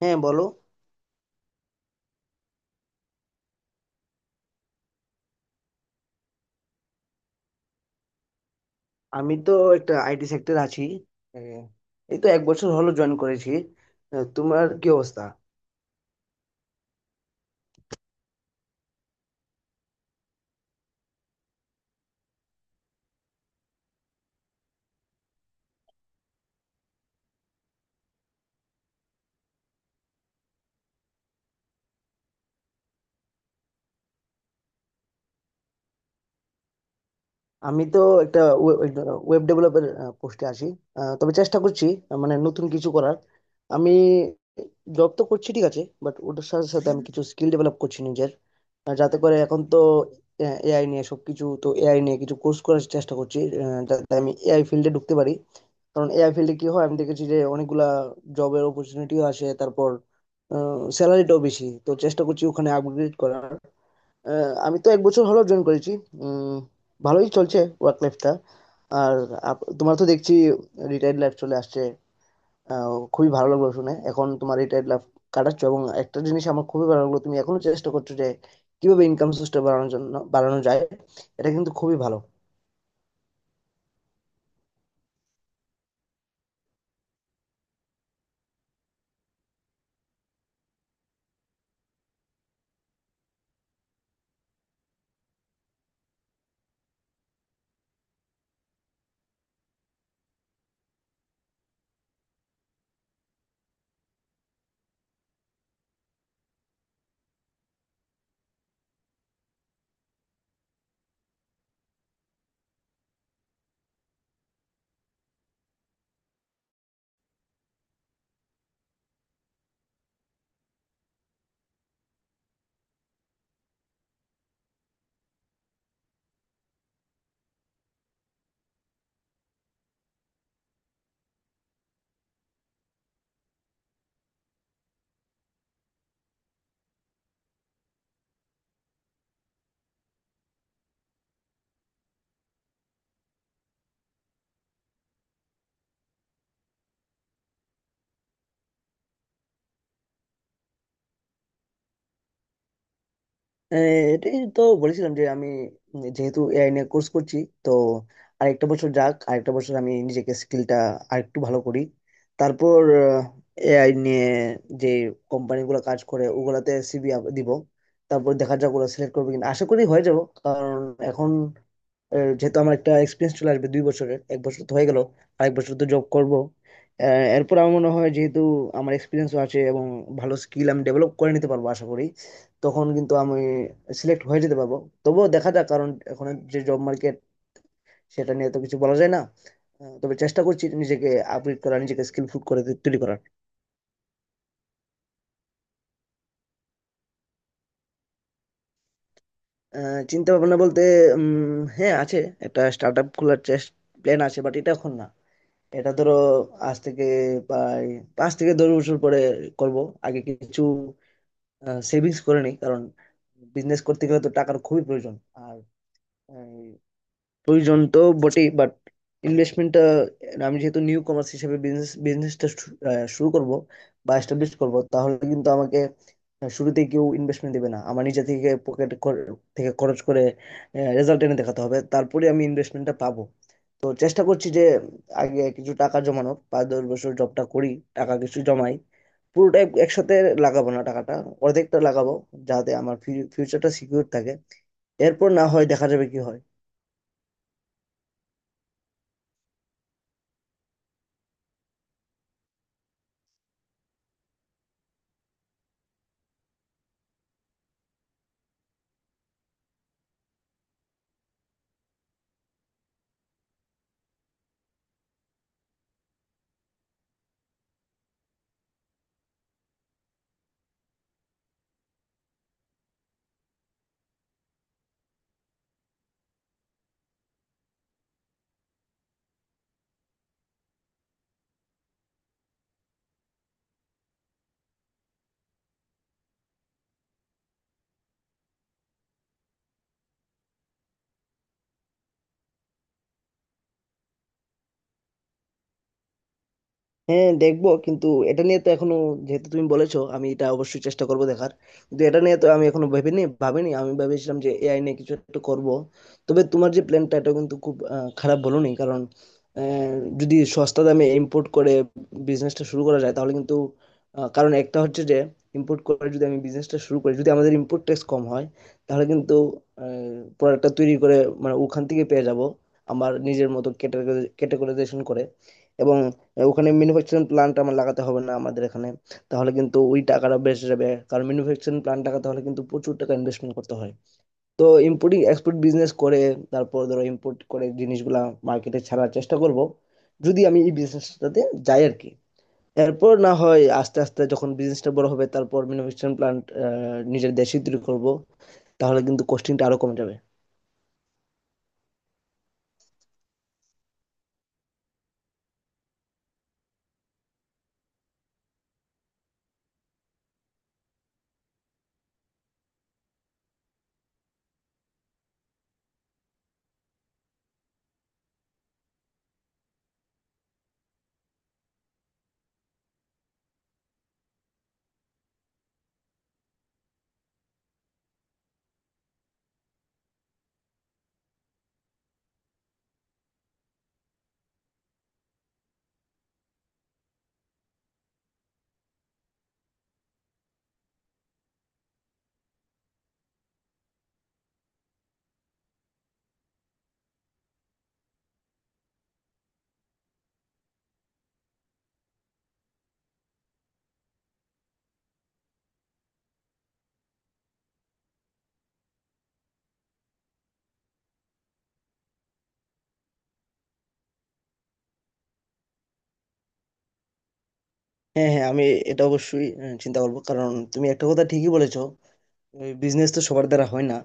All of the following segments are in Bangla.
হ্যাঁ, বলো। আমি তো একটা আইটি সেক্টর আছি। আহ, এই তো এক বছর হলো জয়েন করেছি। তোমার কি অবস্থা? আমি তো একটা ওয়েব ডেভেলপার পোস্টে আছি। তবে চেষ্টা করছি, মানে নতুন কিছু করার। আমি জব তো করছি ঠিক আছে, বাট ওটার সাথে সাথে আমি কিছু স্কিল ডেভেলপ করছি নিজের, যাতে করে এখন তো এআই নিয়ে সবকিছু, তো এআই নিয়ে কিছু কোর্স করার চেষ্টা করছি যাতে আমি এআই ফিল্ডে ঢুকতে পারি। কারণ এআই ফিল্ডে কি হয় আমি দেখেছি যে অনেকগুলা জবের অপরচুনিটিও আসে, তারপর স্যালারিটাও বেশি। তো চেষ্টা করছি ওখানে আপগ্রেড করার। আমি তো এক বছর হলো জয়েন করেছি। উম, ভালোই চলছে ওয়ার্ক লাইফটা। আর তোমার তো দেখছি রিটায়ার্ড লাইফ চলে আসছে। খুবই ভালো লাগলো শুনে এখন তোমার রিটায়ার্ড লাইফ কাটাচ্ছ। এবং একটা জিনিস আমার খুবই ভালো লাগলো, তুমি এখনো চেষ্টা করছো যে কিভাবে ইনকাম সোর্সটা বাড়ানোর জন্য বাড়ানো যায়। এটা কিন্তু খুবই ভালো। আহ, এটাই তো বলেছিলাম যে আমি যেহেতু এআই নিয়ে কোর্স করছি, তো আরেকটা বছর যাক, আরেকটা বছর আমি নিজেকে স্কিলটা আরেকটু ভালো করি। তারপর এআই নিয়ে যে কোম্পানিগুলো কাজ করে ওগুলাতে সিভি দিব। তারপর দেখা যাক ওরা সিলেক্ট করবে কিনা, আশা করি হয়ে যাব। কারণ এখন যেহেতু আমার একটা এক্সপিরিয়েন্স চলে আসবে 2 বছরের, এক বছর তো হয়ে গেল, আরেক বছর তো জব করব। এরপর আমার মনে হয়, যেহেতু আমার এক্সপিরিয়েন্সও আছে এবং ভালো স্কিল আমি ডেভেলপ করে নিতে পারবো আশা করি, তখন কিন্তু আমি সিলেক্ট হয়ে যেতে পারবো। তবুও দেখা যাক, কারণ এখন যে জব মার্কেট, সেটা নিয়ে তো কিছু বলা যায় না। তবে চেষ্টা করছি নিজেকে আপগ্রেড করার, নিজেকে স্কিলফুল করে তৈরি করার। চিন্তা ভাবনা বলতে হ্যাঁ আছে। একটা স্টার্ট আপ খোলার চেষ্টা, প্ল্যান আছে, বাট এটা এখন না। এটা ধরো আজ থেকে প্রায় 5 থেকে 10 বছর পরে করব। আগে কিছু সেভিংস করে নিই, কারণ বিজনেস করতে গেলে তো টাকার খুবই প্রয়োজন। আর আহ, প্রয়োজন তো বটেই, বাট ইনভেস্টমেন্টটা, আমি যেহেতু নিউ কমার্স হিসেবে বিজনেসটা শুরু করব বা এস্টাবলিশ করব, তাহলে কিন্তু আমাকে শুরুতে কেউ ইনভেস্টমেন্ট দেবে না। আমার নিজে থেকে পকেট থেকে খরচ করে রেজাল্ট এনে দেখাতে হবে, তারপরে আমি ইনভেস্টমেন্টটা পাবো। তো চেষ্টা করছি যে আগে কিছু টাকা জমানোর, 5 10 বছর জবটা করি, টাকা কিছু জমাই। পুরোটা একসাথে লাগাবো না টাকাটা, অর্ধেকটা লাগাবো যাতে আমার ফিউচারটা সিকিউর থাকে। এরপর না হয় দেখা যাবে কি হয়। হ্যাঁ দেখবো, কিন্তু এটা নিয়ে তো এখনো, যেহেতু তুমি বলেছো, আমি এটা অবশ্যই চেষ্টা করব দেখার। কিন্তু এটা নিয়ে তো আমি এখনো ভাবিনি। আমি ভেবেছিলাম যে এআই নিয়ে কিছু একটা করব। তবে তোমার যে প্ল্যানটা, এটা কিন্তু খুব খারাপ বলোনি। কারণ আহ, যদি সস্তা দামে ইম্পোর্ট করে বিজনেসটা শুরু করা যায় তাহলে কিন্তু, কারণ একটা হচ্ছে যে, ইম্পোর্ট করে যদি আমি বিজনেসটা শুরু করি, যদি আমাদের ইম্পোর্ট ট্যাক্স কম হয় তাহলে কিন্তু প্রোডাক্টটা তৈরি করে, মানে ওখান থেকে পেয়ে যাব আমার নিজের মতো ক্যাটাগরাইজেশন করে। এবং ওখানে ম্যানুফ্যাকচারিং প্ল্যান্ট আমার লাগাতে হবে না আমাদের এখানে, তাহলে কিন্তু ওই টাকাটা বেঁচে যাবে। কারণ ম্যানুফ্যাকচারিং প্ল্যান্ট লাগাতে হলে কিন্তু প্রচুর টাকা ইনভেস্টমেন্ট করতে হয়। তো ইম্পোর্টিং এক্সপোর্ট বিজনেস করে, তারপর ধরো ইম্পোর্ট করে জিনিসগুলা মার্কেটে ছাড়ার চেষ্টা করব, যদি আমি এই বিজনেসটাতে যাই আর কি। এরপর না হয় আস্তে আস্তে যখন বিজনেসটা বড় হবে, তারপর ম্যানুফ্যাকচারিং প্ল্যান্ট নিজের দেশে তৈরি করব, তাহলে কিন্তু কস্টিংটা আরো কমে যাবে। হ্যাঁ, হ্যাঁ, আমি এটা অবশ্যই চিন্তা করবো। কারণ তুমি একটা কথা ঠিকই বলেছো, বিজনেস তো সবার দ্বারা হয় না।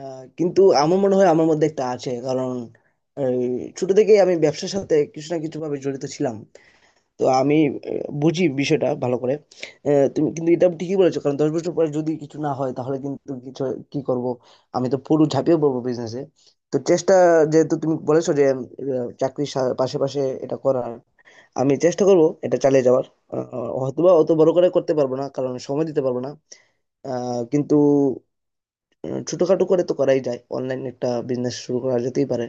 কিন্তু আমার মনে হয় আমার মধ্যে একটা আছে। কারণ এই, ছোট থেকেই আমি ব্যবসার সাথে কিছু না কিছু ভাবে জড়িত ছিলাম। তো আমি বুঝি বিষয়টা ভালো করে। তুমি কিন্তু এটা ঠিকই বলেছো, কারণ 10 বছর পরে যদি কিছু না হয় তাহলে কিন্তু কিছু, কি করব? আমি তো পুরো ঝাঁপিয়ে পড়বো বিজনেসে। তো চেষ্টা, যেহেতু তুমি বলেছো যে চাকরির পাশে পাশে এটা করার, আমি চেষ্টা করব এটা চালিয়ে যাওয়ার। হয়তোবা অত বড় করে করতে পারবো না কারণ সময় দিতে পারবো না। কিন্তু ছোটখাটো করে তো করাই যায়, অনলাইন একটা বিজনেস শুরু করা যেতেই পারে।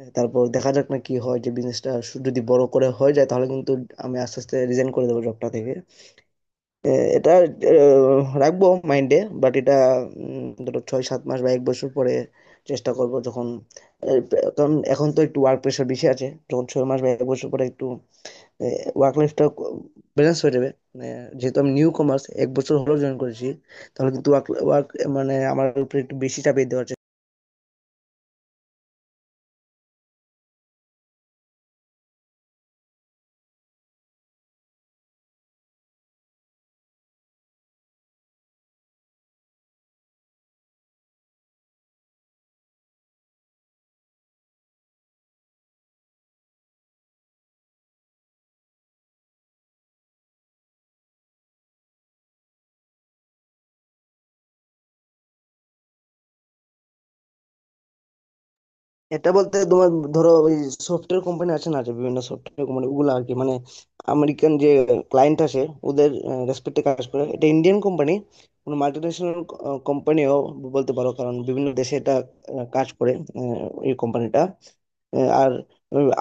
তারপর দেখা যাক না কি হয়, যে বিজনেসটা যদি বড় করে হয়ে যায় তাহলে কিন্তু আমি আস্তে আস্তে রিজাইন করে দেবো জবটা থেকে। আহ, এটা রাখবো মাইন্ডে। বাট এটা ধরো 6 7 মাস বা এক বছর পরে চেষ্টা করব যখন, আহ, কারণ এখন তো একটু ওয়ার্ক প্রেশার বেশি আছে। যখন 6 মাস বা এক বছর পরে একটু ওয়ার্ক লাইফটা ব্যালেন্স হয়ে যাবে, মানে যেহেতু আমি নিউ কমার্স, এক বছর হলো জয়েন করেছি, তাহলে কিন্তু ওয়ার্ক ওয়ার্ক মানে আমার উপর একটু বেশি চাপিয়ে দেওয়ার। এটা বলতে, তোমার ধরো ওই সফটওয়্যার কোম্পানি আছে না, যে বিভিন্ন সফটওয়্যার কোম্পানি ওগুলো আর কি, মানে আমেরিকান যে ক্লায়েন্ট আসে ওদের রেসপেক্টে কাজ করে। এটা ইন্ডিয়ান কোম্পানি, কোনো মাল্টিন্যাশনাল কোম্পানিও বলতে পারো, কারণ বিভিন্ন দেশে এটা কাজ করে এই কোম্পানিটা। আর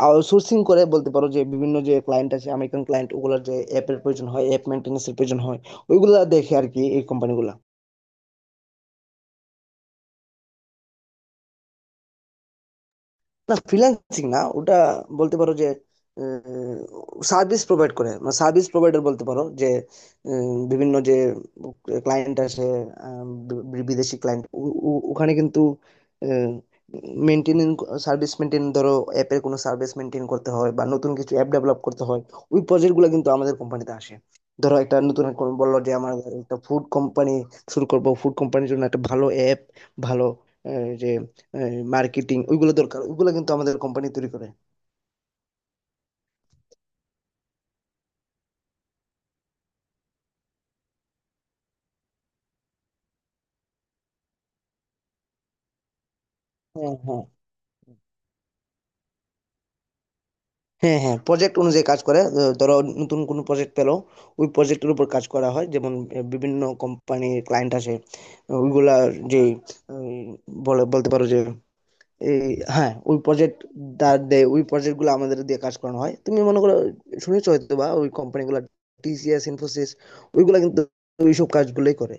আউটসোর্সিং করে বলতে পারো, যে বিভিন্ন যে ক্লায়েন্ট আছে, আমেরিকান ক্লায়েন্ট, ওগুলোর যে অ্যাপের প্রয়োজন হয়, অ্যাপ মেনটেন্যান্সের প্রয়োজন হয়, ওইগুলা দেখে আর কি এই কোম্পানিগুলো। না, ফ্রিল্যান্সিং না ওটা। বলতে পারো যে সার্ভিস প্রোভাইড করে, মানে সার্ভিস প্রোভাইডার বলতে পারো যে বিভিন্ন যে ক্লায়েন্ট আসে, আহ, বিদেশি ক্লায়েন্ট। ওখানে কিন্তু মেনটেন সার্ভিস মেনটেন, ধরো অ্যাপের কোনো সার্ভিস মেনটেন করতে হয় বা নতুন কিছু অ্যাপ ডেভেলপ করতে হয়, ওই প্রজেক্টগুলো কিন্তু আমাদের কোম্পানিতে আসে। ধরো একটা নতুন এক কোন বললো যে আমার একটা ফুড কোম্পানি শুরু করব, ফুড কোম্পানির জন্য একটা ভালো অ্যাপ, ভালো যে মার্কেটিং, ওইগুলো দরকার, ওইগুলো কিন্তু আমাদের কোম্পানি তৈরি করে। হ্যাঁ, হ্যাঁ, হ্যাঁ, হ্যাঁ, প্রজেক্ট অনুযায়ী কাজ করে। ধরো নতুন কোনো প্রজেক্ট পেলো, ওই প্রজেক্টের উপর কাজ করা হয়। যেমন বিভিন্ন কোম্পানির ক্লায়েন্ট আসে, ওইগুলা যে উম, বলে, বলতে পারো যে এই, হ্যাঁ ওই প্রজেক্ট দাঁড় দেয়, ওই প্রজেক্ট গুলো আমাদের দিয়ে কাজ করানো হয়। তুমি মনে করো শুনেছো হয়তো বা ওই কোম্পানিগুলো, টিসিএস ইনফোসিস, ওইগুলা কিন্তু ওইসব কাজগুলোই করে।